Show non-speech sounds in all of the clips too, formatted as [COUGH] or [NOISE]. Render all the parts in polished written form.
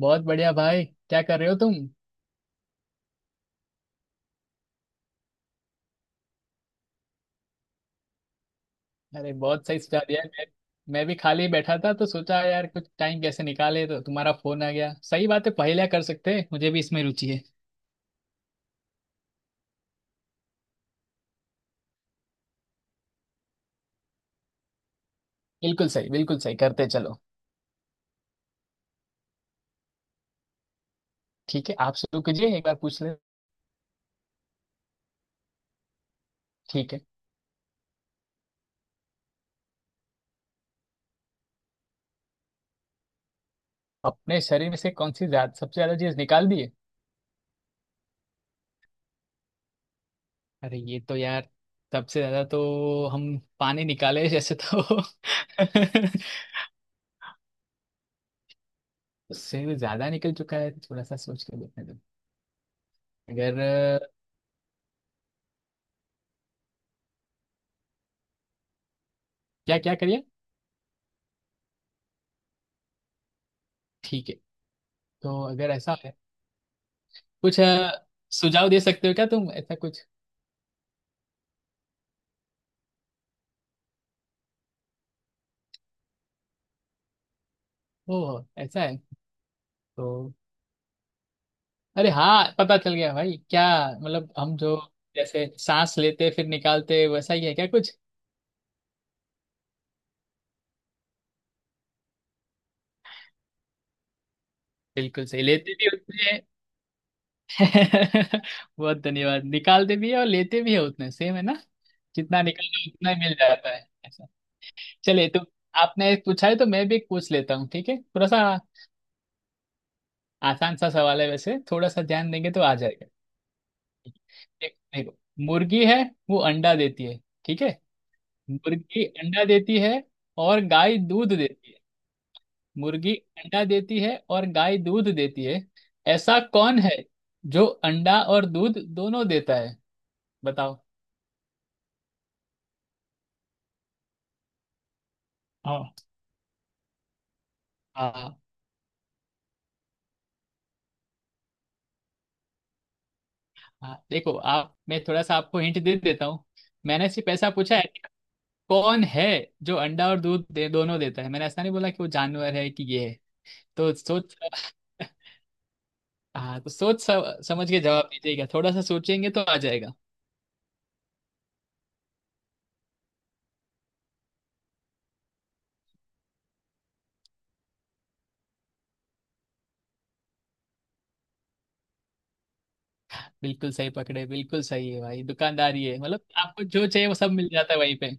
बहुत बढ़िया भाई, क्या कर रहे हो तुम? अरे बहुत सही सुझाव दिया है। मैं भी खाली बैठा था तो सोचा यार कुछ टाइम कैसे निकाले, तो तुम्हारा फोन आ गया। सही बात है, पहेलियां कर सकते हैं, मुझे भी इसमें रुचि है। बिल्कुल सही, बिल्कुल सही, करते चलो। ठीक है, आप शुरू कीजिए, एक बार पूछ ले। ठीक है। अपने शरीर में से कौन सी ज्यादा, सबसे ज्यादा चीज निकाल दी है? अरे ये तो यार, सबसे ज्यादा तो हम पानी निकाले जैसे तो [LAUGHS] उससे भी ज्यादा निकल चुका है, थोड़ा सा सोच के देखने दो। अगर क्या क्या करिए, ठीक है। तो अगर ऐसा है, कुछ सुझाव दे सकते हो क्या तुम, ऐसा कुछ? ओ ऐसा है। तो अरे हाँ, पता चल गया भाई क्या। मतलब हम जो जैसे सांस लेते फिर निकालते, वैसा ही है क्या कुछ? बिल्कुल सही, लेते भी उतने हैं। [LAUGHS] बहुत धन्यवाद, निकालते भी है और लेते भी है, उतने सेम है ना? जितना निकालो उतना ही मिल जाता है, ऐसा। चलिए तो, आपने एक पूछा है तो मैं भी एक पूछ लेता हूँ, ठीक है, थोड़ा सा। आसान सा सवाल है वैसे, थोड़ा सा ध्यान देंगे तो आ जाएगा। देखो, मुर्गी है, वो अंडा देती है, ठीक है? मुर्गी अंडा देती है और गाय दूध देती है। मुर्गी अंडा देती है और गाय दूध देती है, ऐसा कौन है जो अंडा और दूध दोनों देता है? बताओ। हाँ, हाँ, हाँ। देखो आप, मैं थोड़ा सा आपको हिंट दे देता हूँ। मैंने सिर्फ ऐसा पूछा है कि कौन है जो अंडा और दूध दे, दोनों देता है। मैंने ऐसा नहीं बोला कि वो जानवर है कि ये है। तो सोच। [LAUGHS] हाँ, तो सोच समझ के जवाब दीजिएगा, थोड़ा सा सोचेंगे तो आ जाएगा। बिल्कुल सही पकड़े, बिल्कुल सही है भाई। दुकानदारी है, मतलब आपको जो चाहिए वो सब मिल जाता है वहीं पे।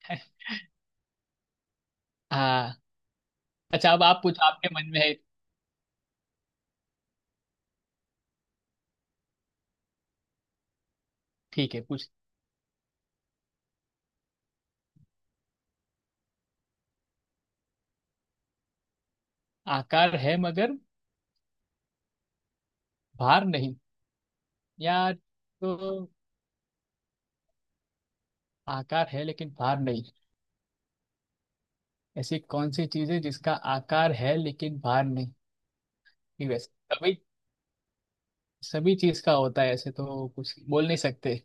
[LAUGHS] हाँ। अच्छा, अब आप पूछ, आपके मन में है। ठीक है, पूछ। आकार है मगर भार नहीं? यार, तो आकार है लेकिन भार नहीं। ऐसी कौन सी चीज है जिसका आकार है लेकिन भार नहीं? ये वैसे सभी सभी चीज का होता है ऐसे, तो कुछ बोल नहीं सकते।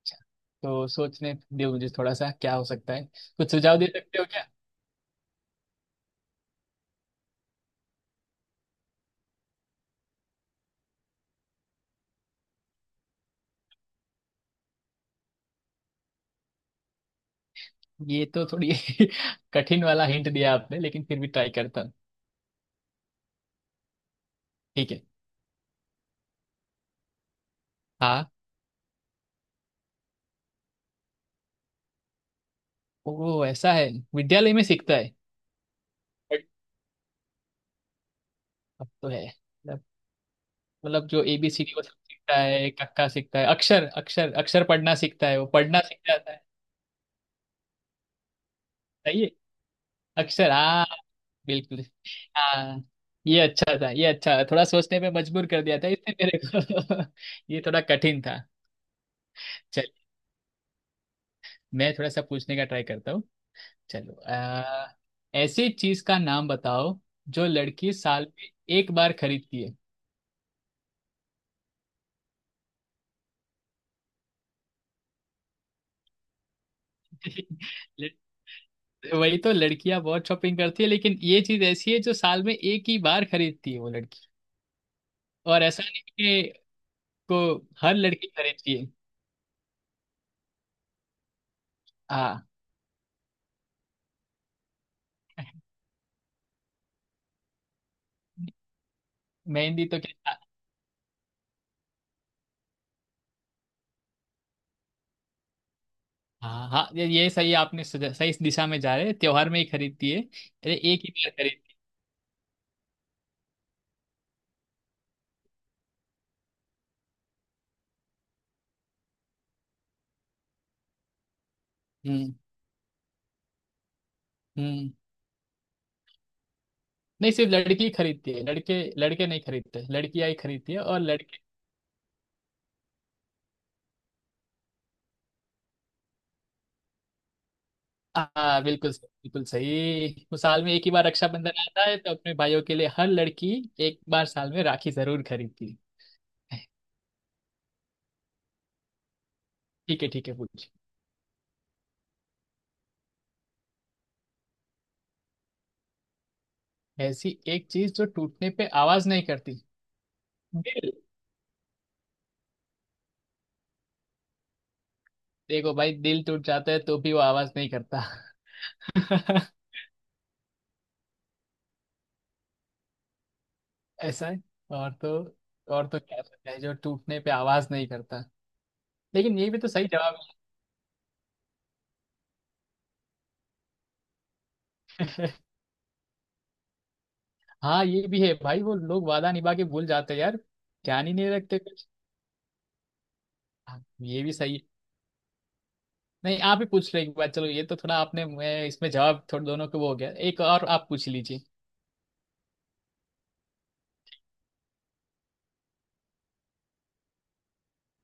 अच्छा, तो सोचने दो मुझे थोड़ा सा, क्या हो सकता है? कुछ सुझाव दे सकते हो क्या? ये तो थोड़ी [LAUGHS] कठिन वाला हिंट दिया आपने, लेकिन फिर भी ट्राई करता हूँ। ठीक है। हाँ। वो ऐसा है, विद्यालय में सीखता है? But अब तो है मतलब जो ABCD वो सब सीखता है, कक्का सीखता है, अक्षर अक्षर अक्षर पढ़ना सीखता है, वो पढ़ना सीख जाता है। सही है। अक्षर, हाँ। बिल्कुल, हाँ। ये अच्छा था, ये अच्छा, थोड़ा सोचने पे मजबूर कर दिया था इसने मेरे को। [LAUGHS] ये थोड़ा कठिन था। मैं थोड़ा सा पूछने का ट्राई करता हूँ। चलो ऐसी चीज का नाम बताओ जो लड़की साल में एक बार खरीदती है। [LAUGHS] लड़- वही तो, लड़कियां बहुत शॉपिंग करती है, लेकिन ये चीज ऐसी है जो साल में एक ही बार खरीदती है वो लड़की। और ऐसा नहीं कि को हर लड़की खरीदती है। हाँ, मेहंदी तो क्या। हाँ हाँ, ये सही, आपने सही इस दिशा में जा रहे हैं, त्योहार में ही खरीदती है, अरे एक ही बार खरीद। हम्म, हम्म। नहीं, सिर्फ लड़की खरीदती है लड़के लड़के नहीं खरीदते, लड़कियां ही खरीदती है और लड़के। हाँ बिल्कुल सही, बिल्कुल सही, वो साल में एक ही बार रक्षाबंधन आता है तो अपने भाइयों के लिए हर लड़की एक बार साल में राखी जरूर खरीदती है। ठीक है, ठीक है, पूछ। ऐसी एक चीज जो टूटने पे आवाज नहीं करती? दिल। देखो भाई, दिल टूट जाता है तो भी वो आवाज नहीं करता। [LAUGHS] ऐसा है? और तो, और तो क्या सकता है जो टूटने पे आवाज नहीं करता? लेकिन ये भी तो सही जवाब है। हाँ, ये भी है भाई, वो लोग वादा निभा के भूल जाते हैं यार, ध्यान ही नहीं रखते कुछ। हाँ, ये भी सही है। नहीं, आप ही पूछ लो एक बार। चलो, ये तो थोड़ा आपने, मैं इसमें जवाब थोड़े दोनों के वो हो गया, एक और आप पूछ लीजिए।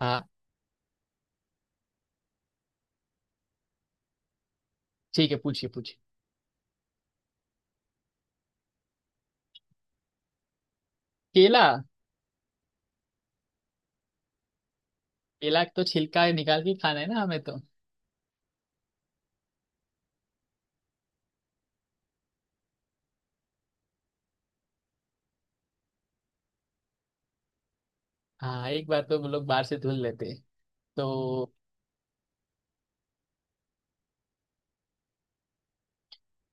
हाँ ठीक है, पूछिए पूछिए। केला। केला तो छिलका निकाल के खाना है ना हमें तो। हाँ, एक बार तो वो लोग बाहर से धुल लेते हैं, तो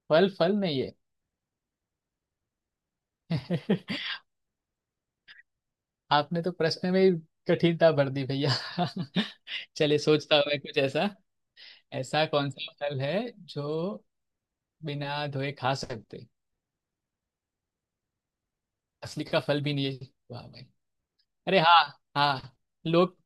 फल फल नहीं है। [LAUGHS] आपने तो प्रश्न में ही कठिनता भर दी, भैया। [LAUGHS] चलिए, सोचता हूँ मैं कुछ ऐसा, ऐसा कौन सा फल है जो बिना धोए खा सकते? असली का फल भी नहीं है, वाह भाई। अरे हाँ, हाँ लोग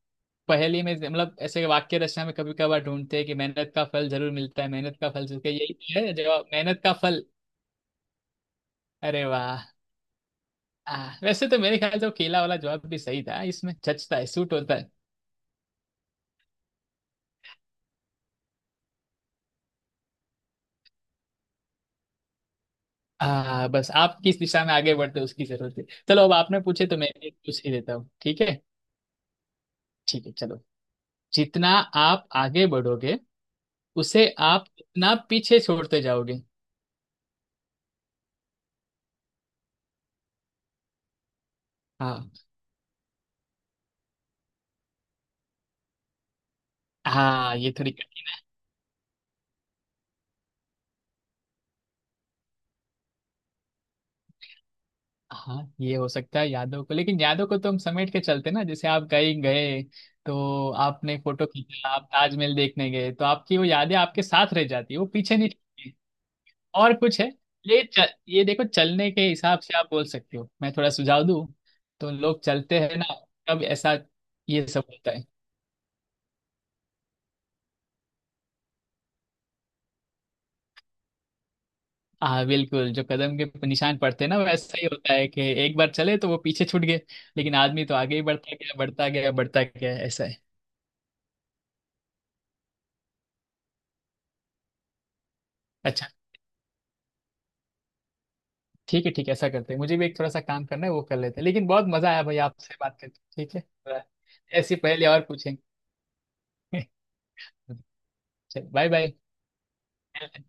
पहेली में मतलब ऐसे वाक्य रचना में कभी कभार ढूंढते हैं कि मेहनत का फल जरूर मिलता है, मेहनत का फल जरूर, क्या यही तो है जवाब, मेहनत का फल। अरे वाह। वैसे तो मेरे ख्याल से वो केला वाला जवाब भी सही था, इसमें जचता है, सूट होता है। बस आप किस दिशा में आगे बढ़ते हो उसकी जरूरत है। चलो, अब आपने पूछे तो मैं एक पूछ ही देता हूँ, ठीक है। ठीक है, चलो, जितना आप आगे बढ़ोगे उसे आप उतना पीछे छोड़ते जाओगे। हाँ। हाँ ये थोड़ी, हाँ ये हो सकता है यादों को, लेकिन यादों को तो हम समेट के चलते ना, जैसे आप कहीं गए तो आपने फोटो खींचा, आप ताजमहल देखने गए तो आपकी वो यादें आपके साथ रह जाती है, वो पीछे नहीं छूटती। और कुछ है? ये देखो, चलने के हिसाब से आप बोल सकते हो, मैं थोड़ा सुझाव दूं, तो लोग चलते हैं ना, तब ऐसा ये सब होता है। हाँ बिल्कुल, जो कदम के निशान पड़ते हैं ना, वैसा ही होता है कि एक बार चले तो वो पीछे छूट गए। लेकिन आदमी तो आगे ही बढ़ता गया, बढ़ता गया, बढ़ता गया, ऐसा है। अच्छा, ठीक है ठीक है, ऐसा करते हैं। मुझे भी एक थोड़ा सा काम करना है, वो कर लेते हैं, लेकिन बहुत मजा आया भाई आपसे बात करके, ठीक है थोड़ा। ऐसी पहेली और पूछेंगे। [LAUGHS] चल, बाय। बाय।